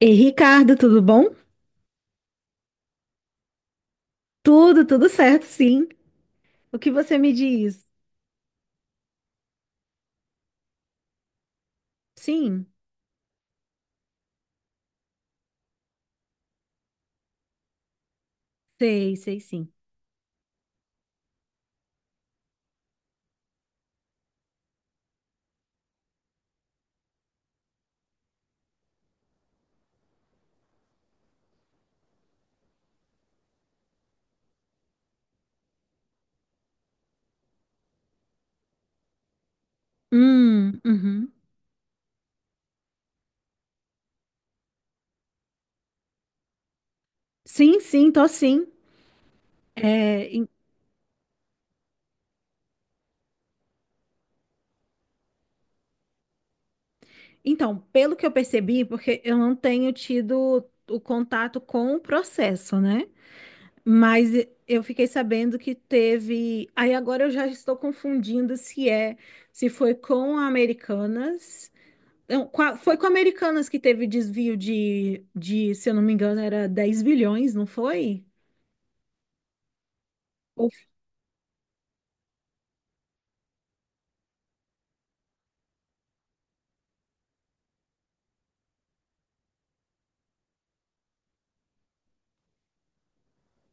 E Ricardo, tudo bom? Tudo, certo, sim. O que você me diz? Sim, sei, sei, sim. Uhum. Sim, sim, tô sim. É, en- então, pelo que eu percebi, porque eu não tenho tido o contato com o processo, né? Mas eu fiquei sabendo que teve. Aí agora eu já estou confundindo se foi com a Americanas. Não, com foi com a Americanas que teve desvio se eu não me engano, era 10 bilhões, não foi? Ou-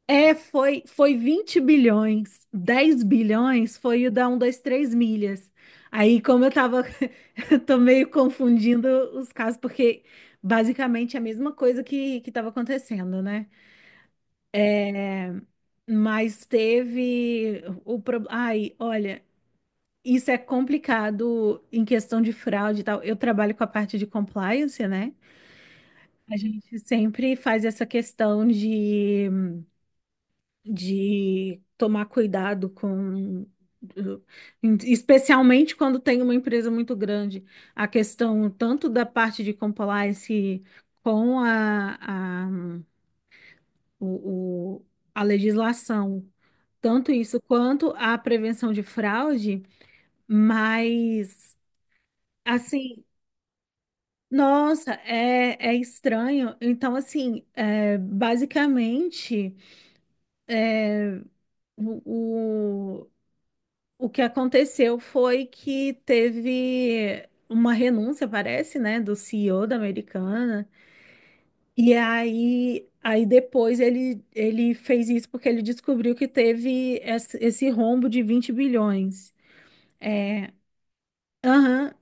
É, foi 20 bilhões. 10 bilhões foi o da um, 2, 3 milhas. Aí, como eu tava, eu tô meio confundindo os casos, porque basicamente é a mesma coisa que tava acontecendo, né? Mas teve o problema. Ai, olha, isso é complicado em questão de fraude e tal. Eu trabalho com a parte de compliance, né? A gente sempre faz essa de tomar cuidado com, especialmente quando tem uma empresa muito grande, a questão tanto da parte de compliance com o, o- a legislação, tanto isso quanto a prevenção de fraude, mas assim. Nossa, é, é estranho. Então, assim, é, basicamente. O, o, o que aconteceu foi que teve uma renúncia, parece, né, do CEO da Americana. E aí, aí depois ele fez isso porque ele descobriu que teve esse rombo de 20 bilhões. É, aham,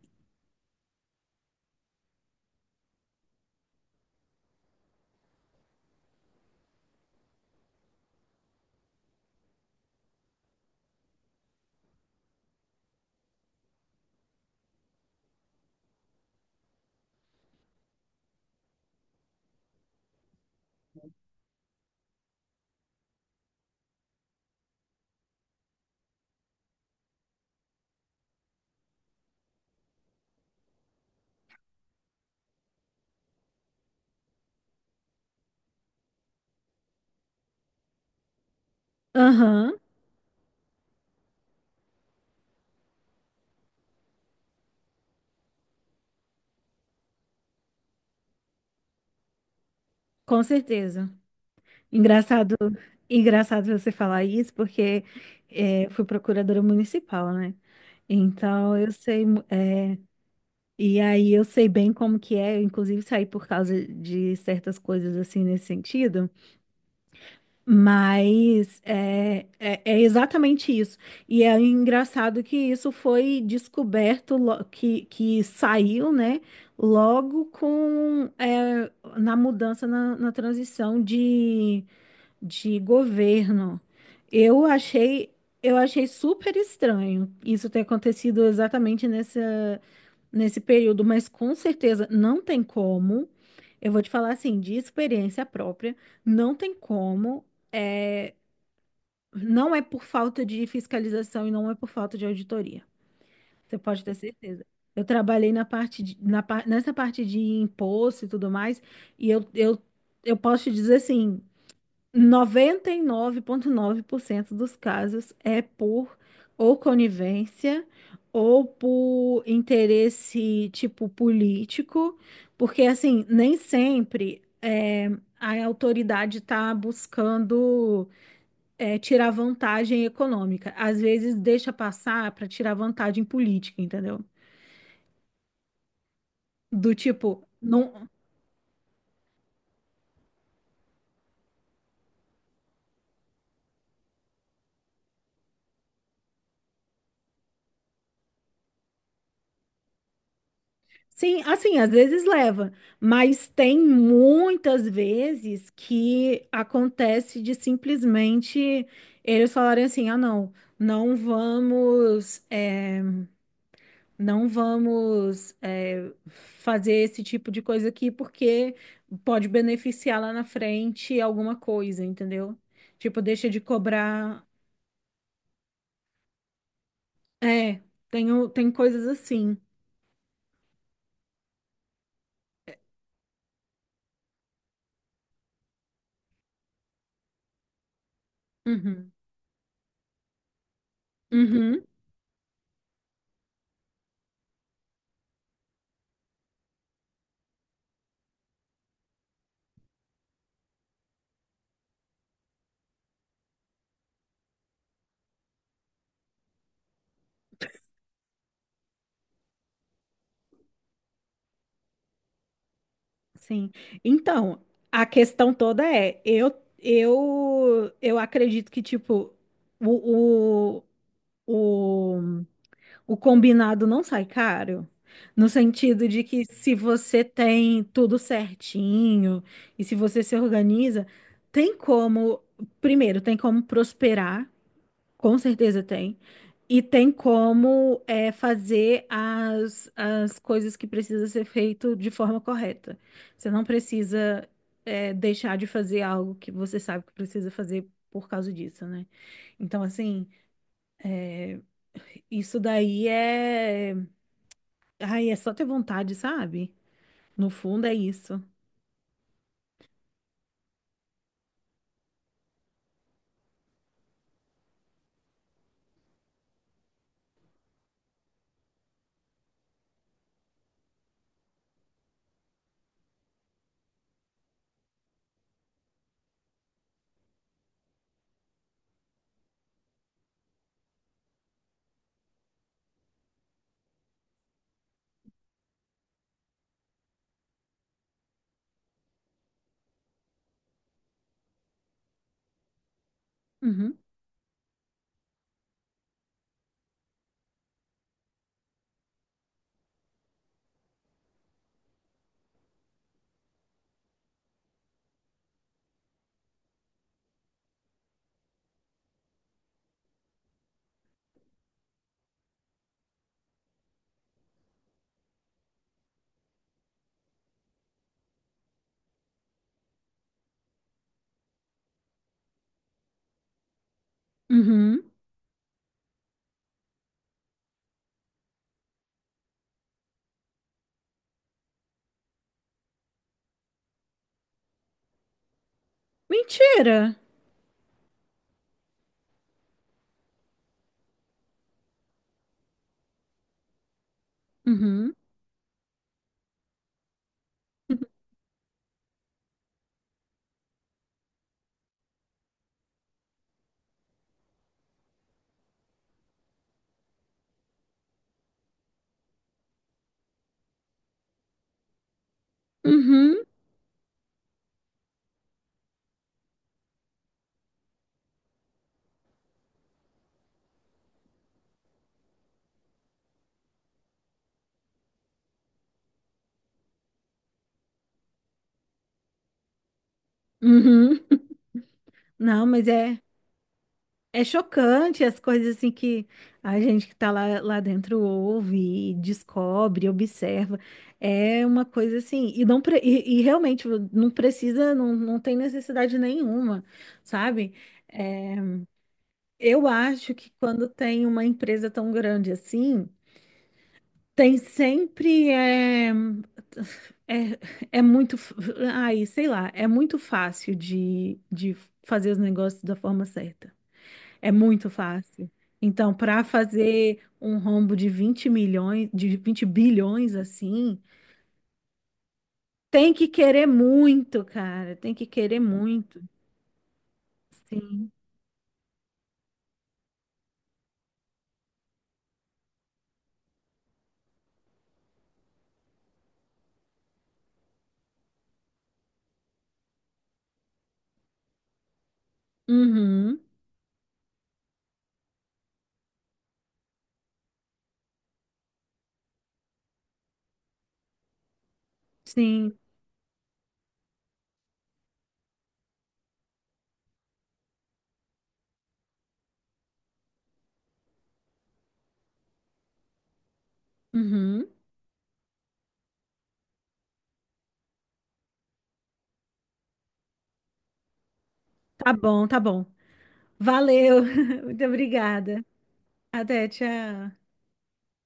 aham, com certeza. Engraçado, engraçado você falar isso, porque é, eu fui procuradora municipal, né? Então eu sei. É, e aí eu sei bem como que é, eu inclusive saí por causa de certas coisas assim nesse sentido, mas é exatamente isso. E é engraçado que isso foi descoberto, que saiu, né, logo com, é, na mudança, na transição de governo. Eu achei, eu achei super estranho isso ter acontecido exatamente nessa nesse período, mas com certeza não tem como. Eu vou te falar assim, de experiência própria, não tem como. É, não é por falta de fiscalização e não é por falta de auditoria. Você pode ter certeza. Eu trabalhei na parte de- na, par- nessa parte de imposto e tudo mais, e eu posso te dizer assim, 99,9% dos casos é por ou conivência ou por interesse tipo político, porque assim, nem sempre é, a autoridade está buscando é, tirar vantagem econômica. Às vezes deixa passar para tirar vantagem política, entendeu? Do tipo, não, sim, assim, às vezes leva, mas tem muitas vezes que acontece de simplesmente eles falarem assim: ah, não, não vamos, é, não vamos, é, fazer esse tipo de coisa aqui porque pode beneficiar lá na frente alguma coisa, entendeu? Tipo, deixa de cobrar. É, tem, tem coisas assim. Uhum. Uhum. Sim. Então, a questão toda é, eu acredito que tipo o, o, o, o combinado não sai caro, no sentido de que se você tem tudo certinho e se você se organiza, tem como, primeiro, tem como prosperar, com certeza tem. E tem como é, fazer as coisas que precisa ser feito de forma correta. Você não precisa é, deixar de fazer algo que você sabe que precisa fazer por causa disso, né? Então, assim, isso daí é. Ai, é só ter vontade, sabe? No fundo é isso. Uhum. Uhum. Mentira! Uhum. Uhum. Uhum. Uhum. Não, mas é. É chocante as coisas assim que a gente que tá lá dentro ouve, e descobre, observa. É uma coisa assim, e não pre- e realmente não precisa, não, não tem necessidade nenhuma, sabe? É, eu acho que quando tem uma empresa tão grande assim, tem sempre é, é ai, sei lá, é muito fácil de fazer os negócios da forma certa. É muito fácil. Então, para fazer um rombo de 20 milhões, de 20 bilhões assim, tem que querer muito, cara. Tem que querer muito. Sim. Uhum. Sim. Uhum. Tá bom, tá bom. Valeu. Muito obrigada. Até, tchau.